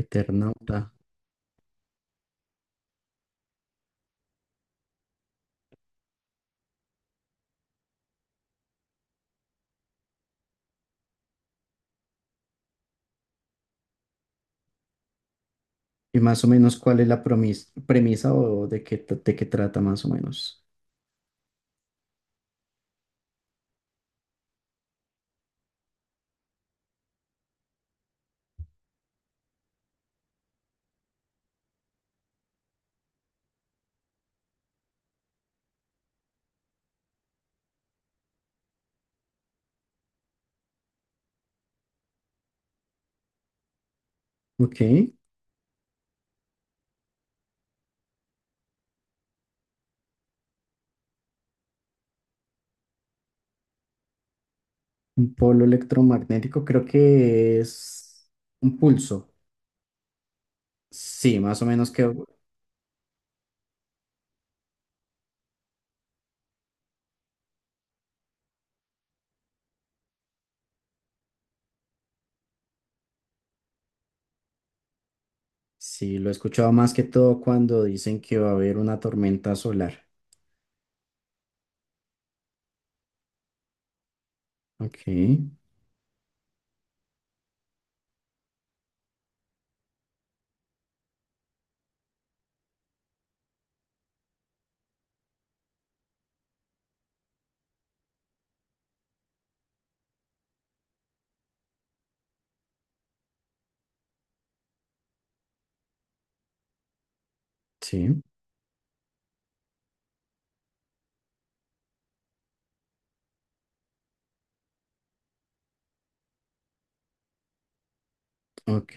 Eternauta. Y más o menos, ¿cuál es la premisa o de qué, de qué trata más o menos? Ok, un polo electromagnético creo que es un pulso. Sí, más o menos que... Sí, lo he escuchado más que todo cuando dicen que va a haber una tormenta solar. Ok, sí, ok,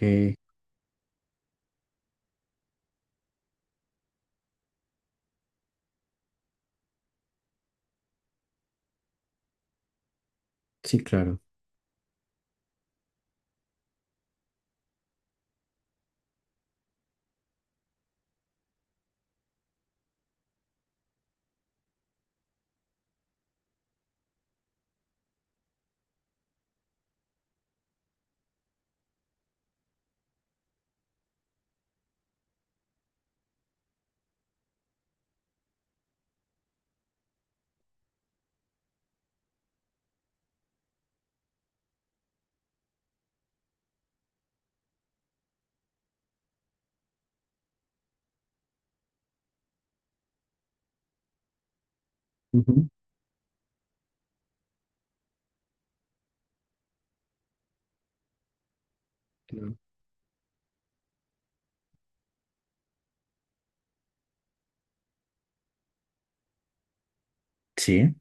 sí, claro. Ujú, claro. Sí.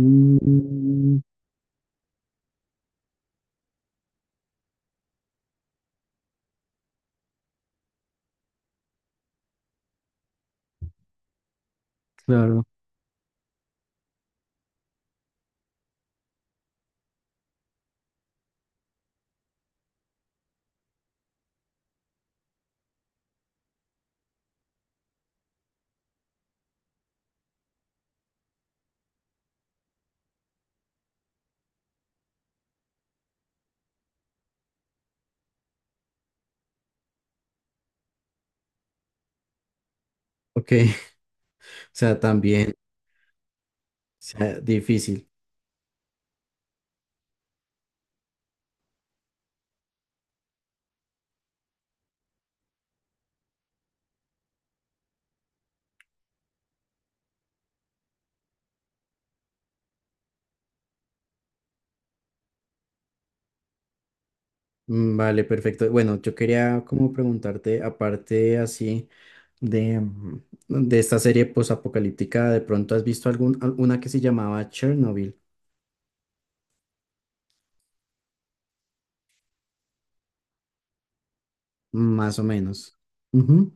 Mm, claro. Ok, o sea, también, o sea, difícil. Mm, vale, perfecto. Bueno, yo quería como preguntarte, aparte así de, de esta serie posapocalíptica, ¿de pronto has visto algún, alguna que se llamaba Chernobyl? Más o menos. Ujú.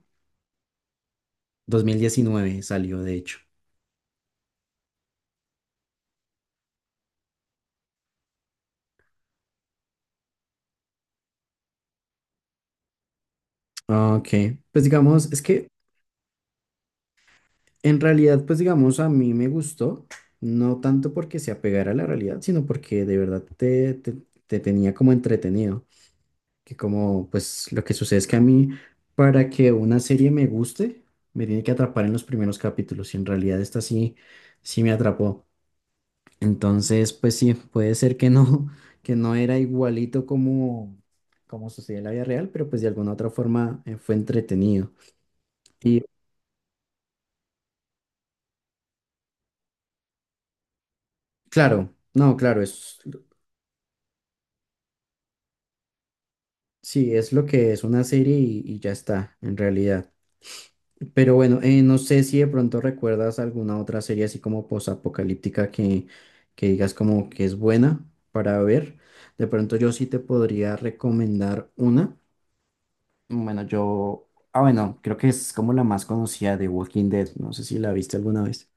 2019 salió, de hecho. Ah, ok, pues digamos, es que en realidad, pues digamos, a mí me gustó, no tanto porque se apegara a la realidad, sino porque de verdad te, te tenía como entretenido. Que como pues lo que sucede es que a mí, para que una serie me guste, me tiene que atrapar en los primeros capítulos, y en realidad esta sí me atrapó. Entonces, pues sí, puede ser que no que no era igualito como como sucedía en la vida real, pero pues de alguna otra forma fue entretenido. Y claro, no, claro, es sí, es lo que es una serie y ya está en realidad. Pero bueno, no sé si de pronto recuerdas alguna otra serie así como posapocalíptica que digas como que es buena para ver. De pronto yo sí te podría recomendar una. Bueno, yo... Ah, bueno, creo que es como la más conocida, de Walking Dead. No sé si la viste alguna vez.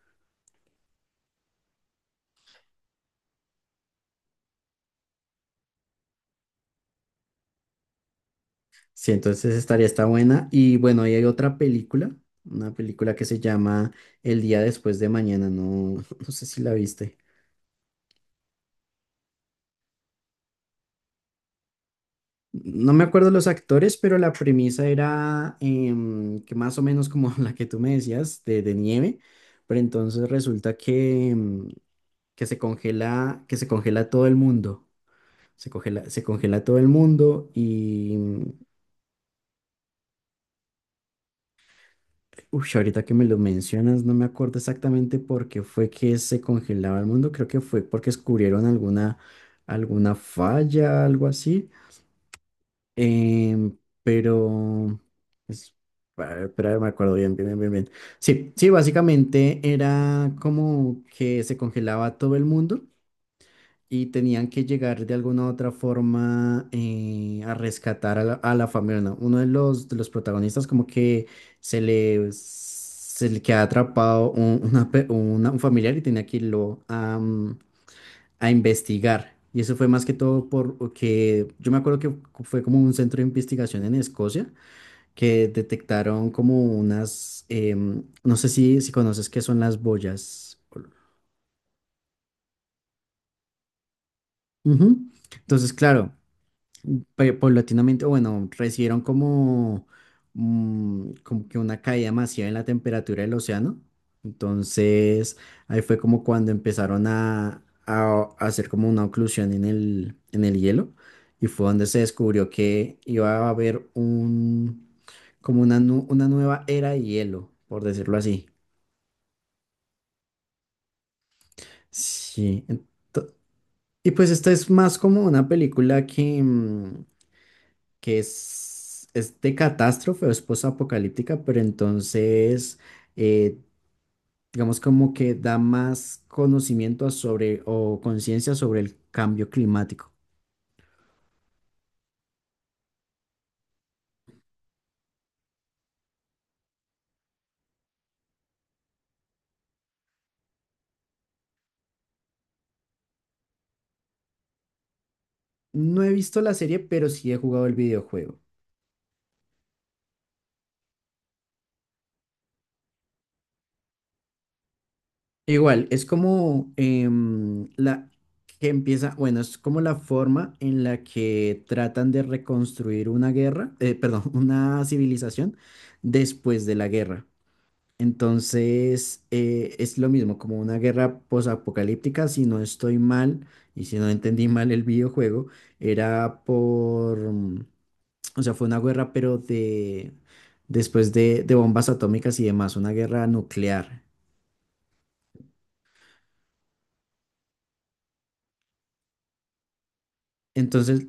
Sí, entonces estaría esta buena. Y bueno, y hay otra película, una película que se llama El día después de mañana. No, no sé si la viste. No me acuerdo los actores, pero la premisa era que más o menos como la que tú me decías, de nieve, pero entonces resulta que, que se congela todo el mundo. Se congela todo el mundo y, uff, ahorita que me lo mencionas, no me acuerdo exactamente por qué fue que se congelaba el mundo. Creo que fue porque descubrieron alguna, alguna falla, algo así. Em, pero, es, espera, me acuerdo bien, bien, bien, bien, bien. Sí, sí, básicamente era como que se congelaba todo el mundo y tenían que llegar de alguna u otra forma a rescatar a la familia, ¿no? Uno de los protagonistas como que se le queda atrapado un, una un familiar y tenía que irlo a, a investigar. Y eso fue más que todo porque yo me acuerdo que fue como un centro de investigación en Escocia que detectaron como unas, no sé si, si conoces qué son las boyas. Ujú. Entonces, claro, paulatinamente, o bueno, recibieron como, como que una caída masiva en la temperatura del océano. Entonces, ahí fue como cuando empezaron a hacer como una oclusión en el hielo. Y fue donde se descubrió que iba a haber un, como una, una nueva era de hielo, por decirlo así. Sí. Y pues esta es más como una película que, que es de catástrofe o es posapocalíptica, pero entonces, eh, digamos como que da más conocimiento sobre, o conciencia sobre el cambio climático. No he visto la serie, pero sí he jugado el videojuego. Igual, es como la que empieza, bueno, es como la forma en la que tratan de reconstruir una guerra, una civilización después de la guerra. Entonces, es lo mismo, como una guerra posapocalíptica, si no estoy mal y si no entendí mal el videojuego, era por, o sea, fue una guerra, pero de, después de bombas atómicas y demás, una guerra nuclear. Entonces,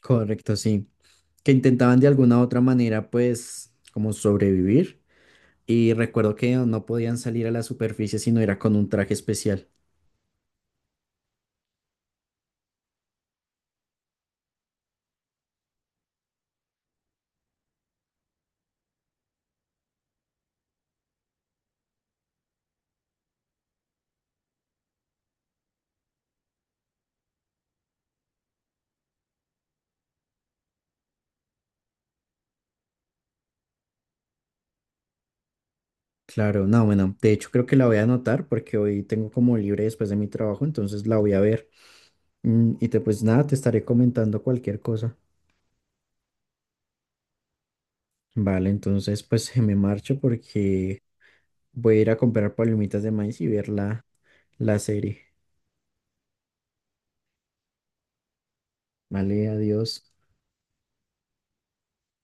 correcto, sí, que intentaban de alguna u otra manera, pues, como sobrevivir. Y recuerdo que no podían salir a la superficie si no era con un traje especial. Claro, no, bueno, de hecho creo que la voy a anotar porque hoy tengo como libre después de mi trabajo, entonces la voy a ver. Mm, y te pues nada, te estaré comentando cualquier cosa. Vale, entonces pues me marcho porque voy a ir a comprar palomitas de maíz y ver la, la serie. Vale, adiós.